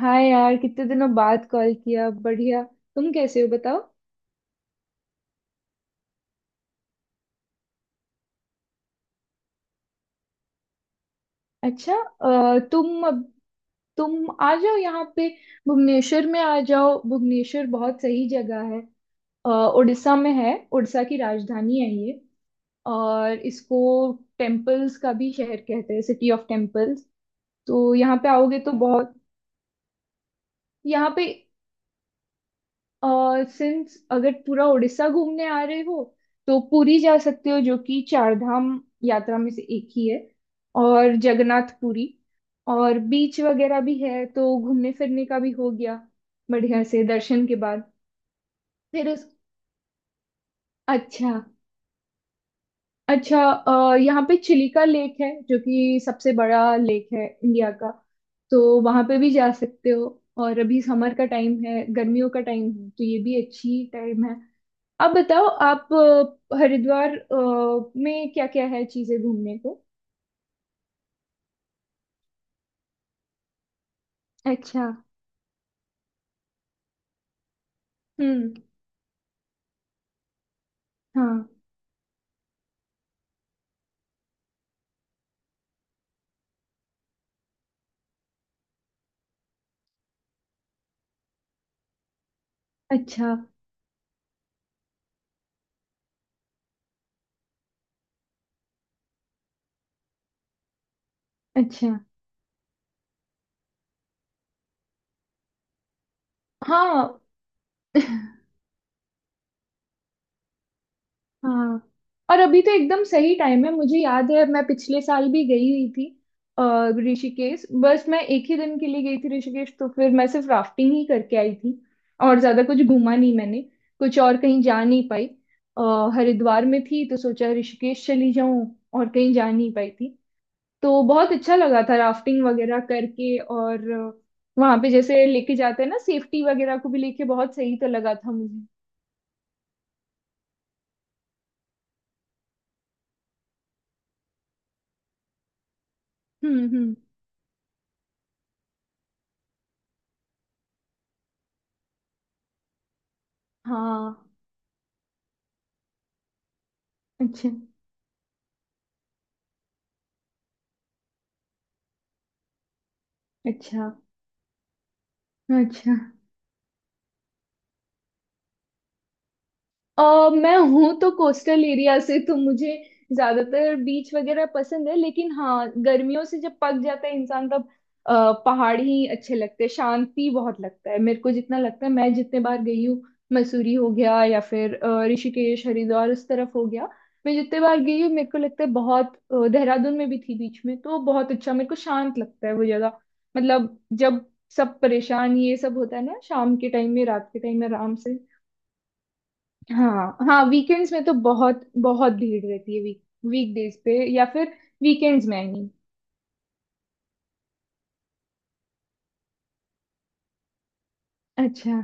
हाय यार, कितने दिनों बाद कॉल किया। बढ़िया। तुम कैसे हो बताओ। अच्छा, तुम अब, तुम आ जाओ यहाँ पे, भुवनेश्वर में आ जाओ। भुवनेश्वर बहुत सही जगह है। अ, उड़ीसा में है, उड़ीसा की राजधानी है ये। और इसको टेम्पल्स का भी शहर कहते हैं, सिटी ऑफ टेम्पल्स। तो यहाँ पे आओगे तो बहुत। यहाँ पे, और सिंस अगर पूरा उड़ीसा घूमने आ रहे हो तो पुरी जा सकते हो, जो कि चार धाम यात्रा में से एक ही है, और जगन्नाथ पुरी। और बीच वगैरह भी है तो घूमने फिरने का भी हो गया बढ़िया से, दर्शन के बाद। फिर उस। अच्छा। अच्छा, यहाँ पे चिलिका लेक है जो कि सबसे बड़ा लेक है इंडिया का। तो वहां पे भी जा सकते हो। और अभी समर का टाइम है, गर्मियों का टाइम है, तो ये भी अच्छी टाइम है। आप बताओ, आप। हरिद्वार में क्या क्या है चीजें घूमने को। अच्छा। हम्म। हाँ। अच्छा। अच्छा। हाँ। हाँ, और अभी तो एकदम सही टाइम है। मुझे याद है, मैं पिछले साल भी गई हुई थी। अ, ऋषिकेश, बस मैं एक ही दिन के लिए गई थी ऋषिकेश, तो फिर मैं सिर्फ राफ्टिंग ही करके आई थी। और ज्यादा कुछ घूमा नहीं मैंने। कुछ और कहीं जा नहीं पाई। हरिद्वार में थी तो सोचा ऋषिकेश चली जाऊं, और कहीं जा नहीं पाई थी। तो बहुत अच्छा लगा था राफ्टिंग वगैरह करके। और वहां पे जैसे लेके जाते हैं ना, सेफ्टी वगैरह को भी लेके, बहुत सही तो लगा था मुझे। हम्म। हम्म। हाँ। अच्छा। अच्छा। अच्छा। मैं हूँ तो कोस्टल एरिया से, तो मुझे ज्यादातर बीच वगैरह पसंद है। लेकिन हाँ, गर्मियों से जब पक जाता है इंसान, तब पहाड़ ही अच्छे लगते हैं। शांति बहुत लगता है मेरे को, जितना लगता है मैं जितने बार गई हूँ। मसूरी हो गया, या फिर ऋषिकेश, हरिद्वार, उस तरफ हो गया। मैं जितने बार गई हूँ मेरे को लगता है बहुत। देहरादून में भी थी बीच में, तो बहुत अच्छा मेरे को शांत लगता है वो जगह। मतलब जब सब परेशान ये सब होता है ना, शाम के टाइम में, रात के टाइम में आराम से। हाँ। हाँ, वीकेंड्स में तो बहुत बहुत भीड़ रहती है। वीकडेज पे, या फिर वीकेंड्स में, आई मीन। अच्छा।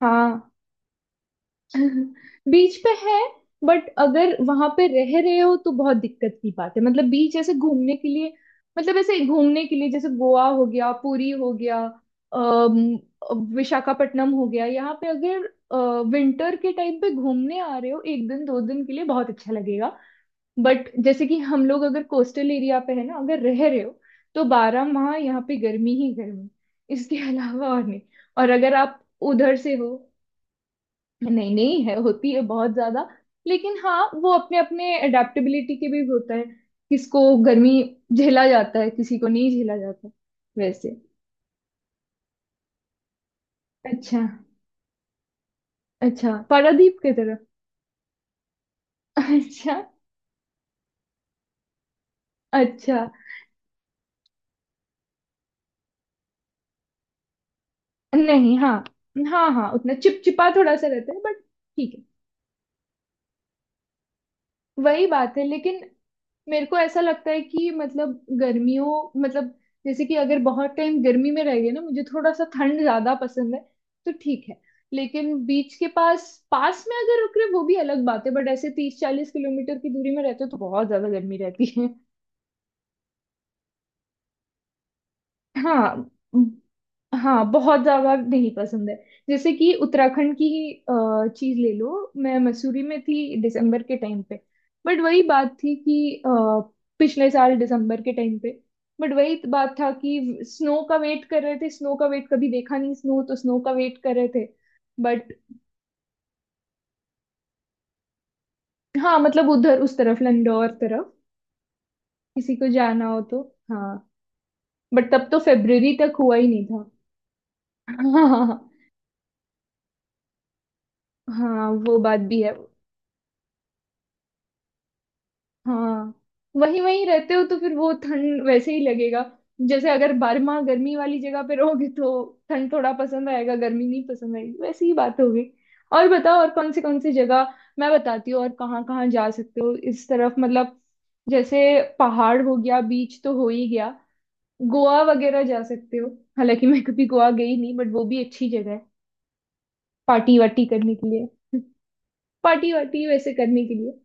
हाँ। बीच पे है। बट अगर वहां पे रह रहे हो तो बहुत दिक्कत की बात है, मतलब बीच ऐसे घूमने के लिए। मतलब ऐसे घूमने के लिए, जैसे गोवा हो गया, पुरी हो गया, विशाखापट्टनम हो गया, यहाँ पे अगर विंटर के टाइम पे घूमने आ रहे हो एक दिन दो दिन के लिए, बहुत अच्छा लगेगा। बट जैसे कि हम लोग, अगर कोस्टल एरिया पे है ना, अगर रह रहे हो, तो 12 माह यहाँ पे गर्मी ही गर्मी। इसके अलावा और नहीं। और अगर आप उधर से हो। नहीं नहीं, है, होती है बहुत ज्यादा, लेकिन हाँ वो अपने अपने अडेप्टेबिलिटी के भी होता है। किसको गर्मी झेला जाता है, किसी को नहीं झेला जाता वैसे। अच्छा। अच्छा, पारादीप की तरफ। अच्छा। अच्छा। नहीं, हाँ। हाँ हाँ, उतना चिपचिपा थोड़ा सा रहता है, बट ठीक है। वही बात है, लेकिन मेरे को ऐसा लगता है कि, मतलब गर्मियों, मतलब जैसे कि अगर बहुत टाइम गर्मी में रह गए ना, मुझे थोड़ा सा ठंड ज्यादा पसंद है, तो ठीक है। लेकिन बीच के पास पास में अगर रुक रहे वो भी अलग बात है, बट ऐसे 30-40 किलोमीटर की दूरी में रहते हो तो बहुत ज्यादा गर्मी रहती है। हाँ। हाँ, बहुत ज्यादा नहीं पसंद है। जैसे कि उत्तराखंड की ही चीज ले लो, मैं मसूरी में थी दिसंबर के टाइम पे। बट वही बात थी कि, पिछले साल दिसंबर के टाइम पे। बट वही बात था कि स्नो का वेट कर रहे थे, स्नो का वेट कभी देखा नहीं स्नो, तो स्नो का वेट कर रहे थे। बट हाँ मतलब उधर, उस तरफ, लंडौर तरफ किसी को जाना हो तो। हाँ, बट तब तो फेब्रुवरी तक हुआ ही नहीं था। हाँ हाँ। हाँ, वो बात भी है। हाँ, वहीं वहीं रहते हो तो फिर वो ठंड वैसे ही लगेगा। जैसे अगर 12 माह गर्मी वाली जगह पे रहोगे, तो ठंड थोड़ा पसंद आएगा, गर्मी नहीं पसंद आएगी, वैसी ही बात होगी। और बताओ, और कौन से कौन सी जगह मैं बताती हूँ और कहाँ कहाँ जा सकते हो इस तरफ, मतलब जैसे पहाड़ हो गया, बीच तो हो ही गया। गोवा वगैरह जा सकते हो, हालांकि मैं कभी गोवा गई नहीं, बट वो भी अच्छी जगह है, पार्टी वार्टी करने के लिए। पार्टी वार्टी वैसे करने के लिए।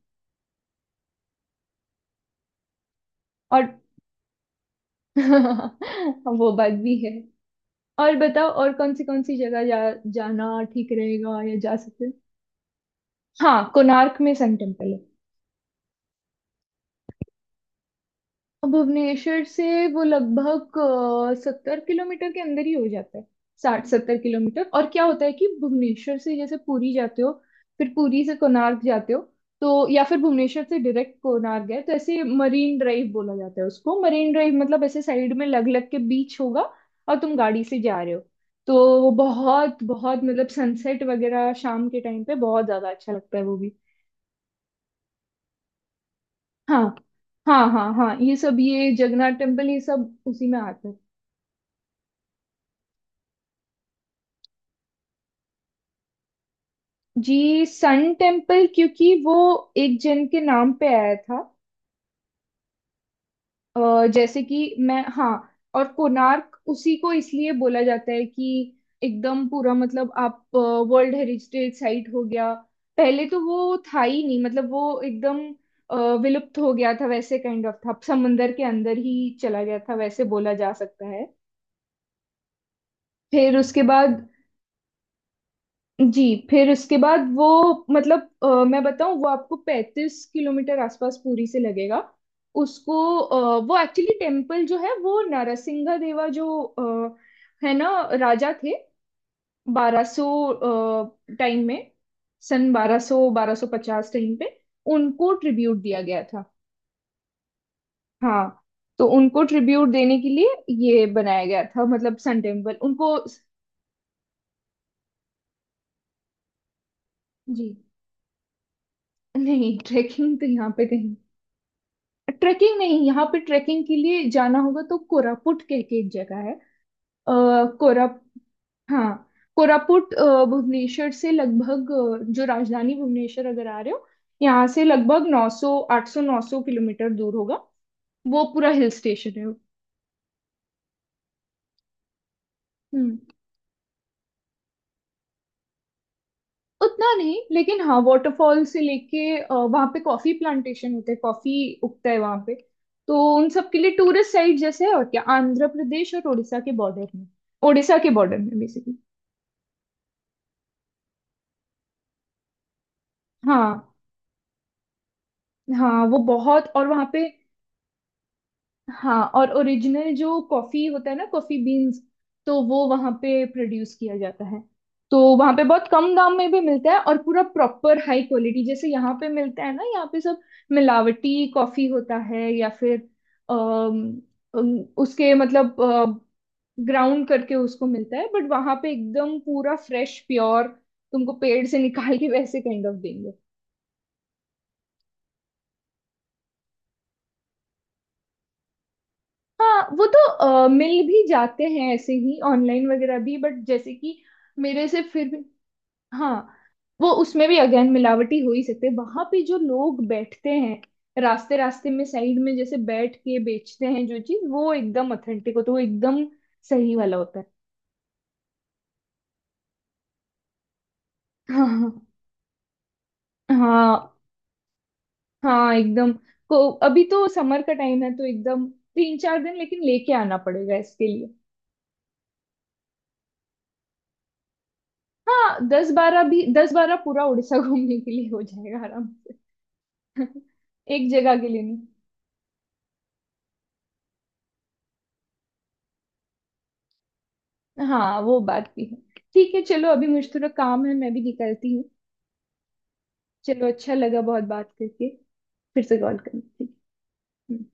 और वो बात भी है। और बताओ, और कौन सी जगह जाना ठीक रहेगा, या जा सकते हैं? हाँ, कोणार्क में सन टेम्पल है। भुवनेश्वर से वो लगभग 70 किलोमीटर के अंदर ही हो जाता है। 60-70 किलोमीटर, और क्या होता है कि भुवनेश्वर से जैसे पुरी जाते हो, फिर पुरी से कोणार्क जाते हो, तो, या फिर भुवनेश्वर से डायरेक्ट कोणार्क गए, तो ऐसे मरीन ड्राइव बोला जाता है उसको, मरीन ड्राइव मतलब ऐसे साइड में लग लग के बीच होगा और तुम गाड़ी से जा रहे हो, तो वो बहुत बहुत, मतलब सनसेट वगैरह शाम के टाइम पे बहुत ज्यादा अच्छा लगता है वो भी। हाँ। हाँ हाँ हाँ, ये सब, ये जगन्नाथ टेम्पल ये सब उसी में आता है। जी, सन टेम्पल क्योंकि वो एक जन के नाम पे आया था। जैसे कि मैं, हाँ। और कोणार्क उसी को इसलिए बोला जाता है कि एकदम पूरा, मतलब आप वर्ल्ड हेरिटेज साइट हो गया। पहले तो वो था ही नहीं, मतलब वो एकदम अ, विलुप्त हो गया था वैसे, काइंड ऑफ, था समंदर के अंदर ही चला गया था वैसे बोला जा सकता है। फिर उसके बाद। जी। फिर उसके बाद वो, मतलब मैं बताऊं, वो आपको 35 किलोमीटर आसपास पुरी से लगेगा। उसको वो एक्चुअली टेम्पल जो है वो नरसिंह देवा जो है ना, राजा थे, 1200 टाइम में, सन 1200, 1250 टाइम पे उनको ट्रिब्यूट दिया गया था। हाँ। तो उनको ट्रिब्यूट देने के लिए ये बनाया गया था, मतलब सन टेम्पल, उनको। जी। नहीं ट्रेकिंग तो यहाँ पे कहीं, ट्रेकिंग नहीं यहाँ पे, ट्रेकिंग के लिए जाना होगा तो कोरापुट कह के एक जगह है। कोरा। हाँ कोरापुट, भुवनेश्वर से लगभग, जो राजधानी भुवनेश्वर अगर आ रहे हो, यहाँ से लगभग 900 800 900 किलोमीटर दूर होगा। वो पूरा हिल स्टेशन है। हम्म। उतना नहीं, लेकिन हाँ वाटरफॉल से लेके, वहाँ पे कॉफी प्लांटेशन होते हैं, कॉफी उगता है वहाँ पे। तो उन सब के लिए टूरिस्ट साइट जैसे है, और क्या, आंध्र प्रदेश और उड़ीसा के बॉर्डर में, उड़ीसा के बॉर्डर में बेसिकली। हाँ। हाँ वो बहुत, और वहाँ पे। हाँ, और ओरिजिनल जो कॉफी होता है ना, कॉफी बीन्स, तो वो वहाँ पे प्रोड्यूस किया जाता है। तो वहाँ पे बहुत कम दाम में भी मिलता है, और पूरा प्रॉपर हाई क्वालिटी, जैसे यहाँ पे मिलता है ना, यहाँ पे सब मिलावटी कॉफी होता है, या फिर अम, उसके मतलब ग्राउंड करके उसको मिलता है, बट वहाँ पे एकदम पूरा फ्रेश प्योर, तुमको पेड़ से निकाल के वैसे काइंड ऑफ देंगे। हाँ वो तो मिल भी जाते हैं ऐसे ही ऑनलाइन वगैरह भी, बट जैसे कि मेरे से फिर भी, हाँ वो उसमें भी अगेन मिलावटी हो ही सकते, वहां पे जो लोग बैठते हैं रास्ते रास्ते में साइड में जैसे बैठ के बेचते हैं जो चीज, वो एकदम ऑथेंटिक होता है, वो एकदम सही वाला होता है। हाँ हाँ हाँ, एकदम। को अभी तो समर का टाइम है, तो एकदम 3-4 दिन लेकिन लेके आना पड़ेगा इसके लिए। हाँ, 10-12 भी, 10-12 पूरा उड़ीसा घूमने के लिए हो जाएगा आराम। एक जगह के लिए नहीं। हाँ, वो बात भी है। ठीक है, चलो अभी मुझे थोड़ा काम है, मैं भी निकलती हूँ। चलो, अच्छा लगा बहुत बात करके। फिर से कॉल करना, ठीक है। हम्म।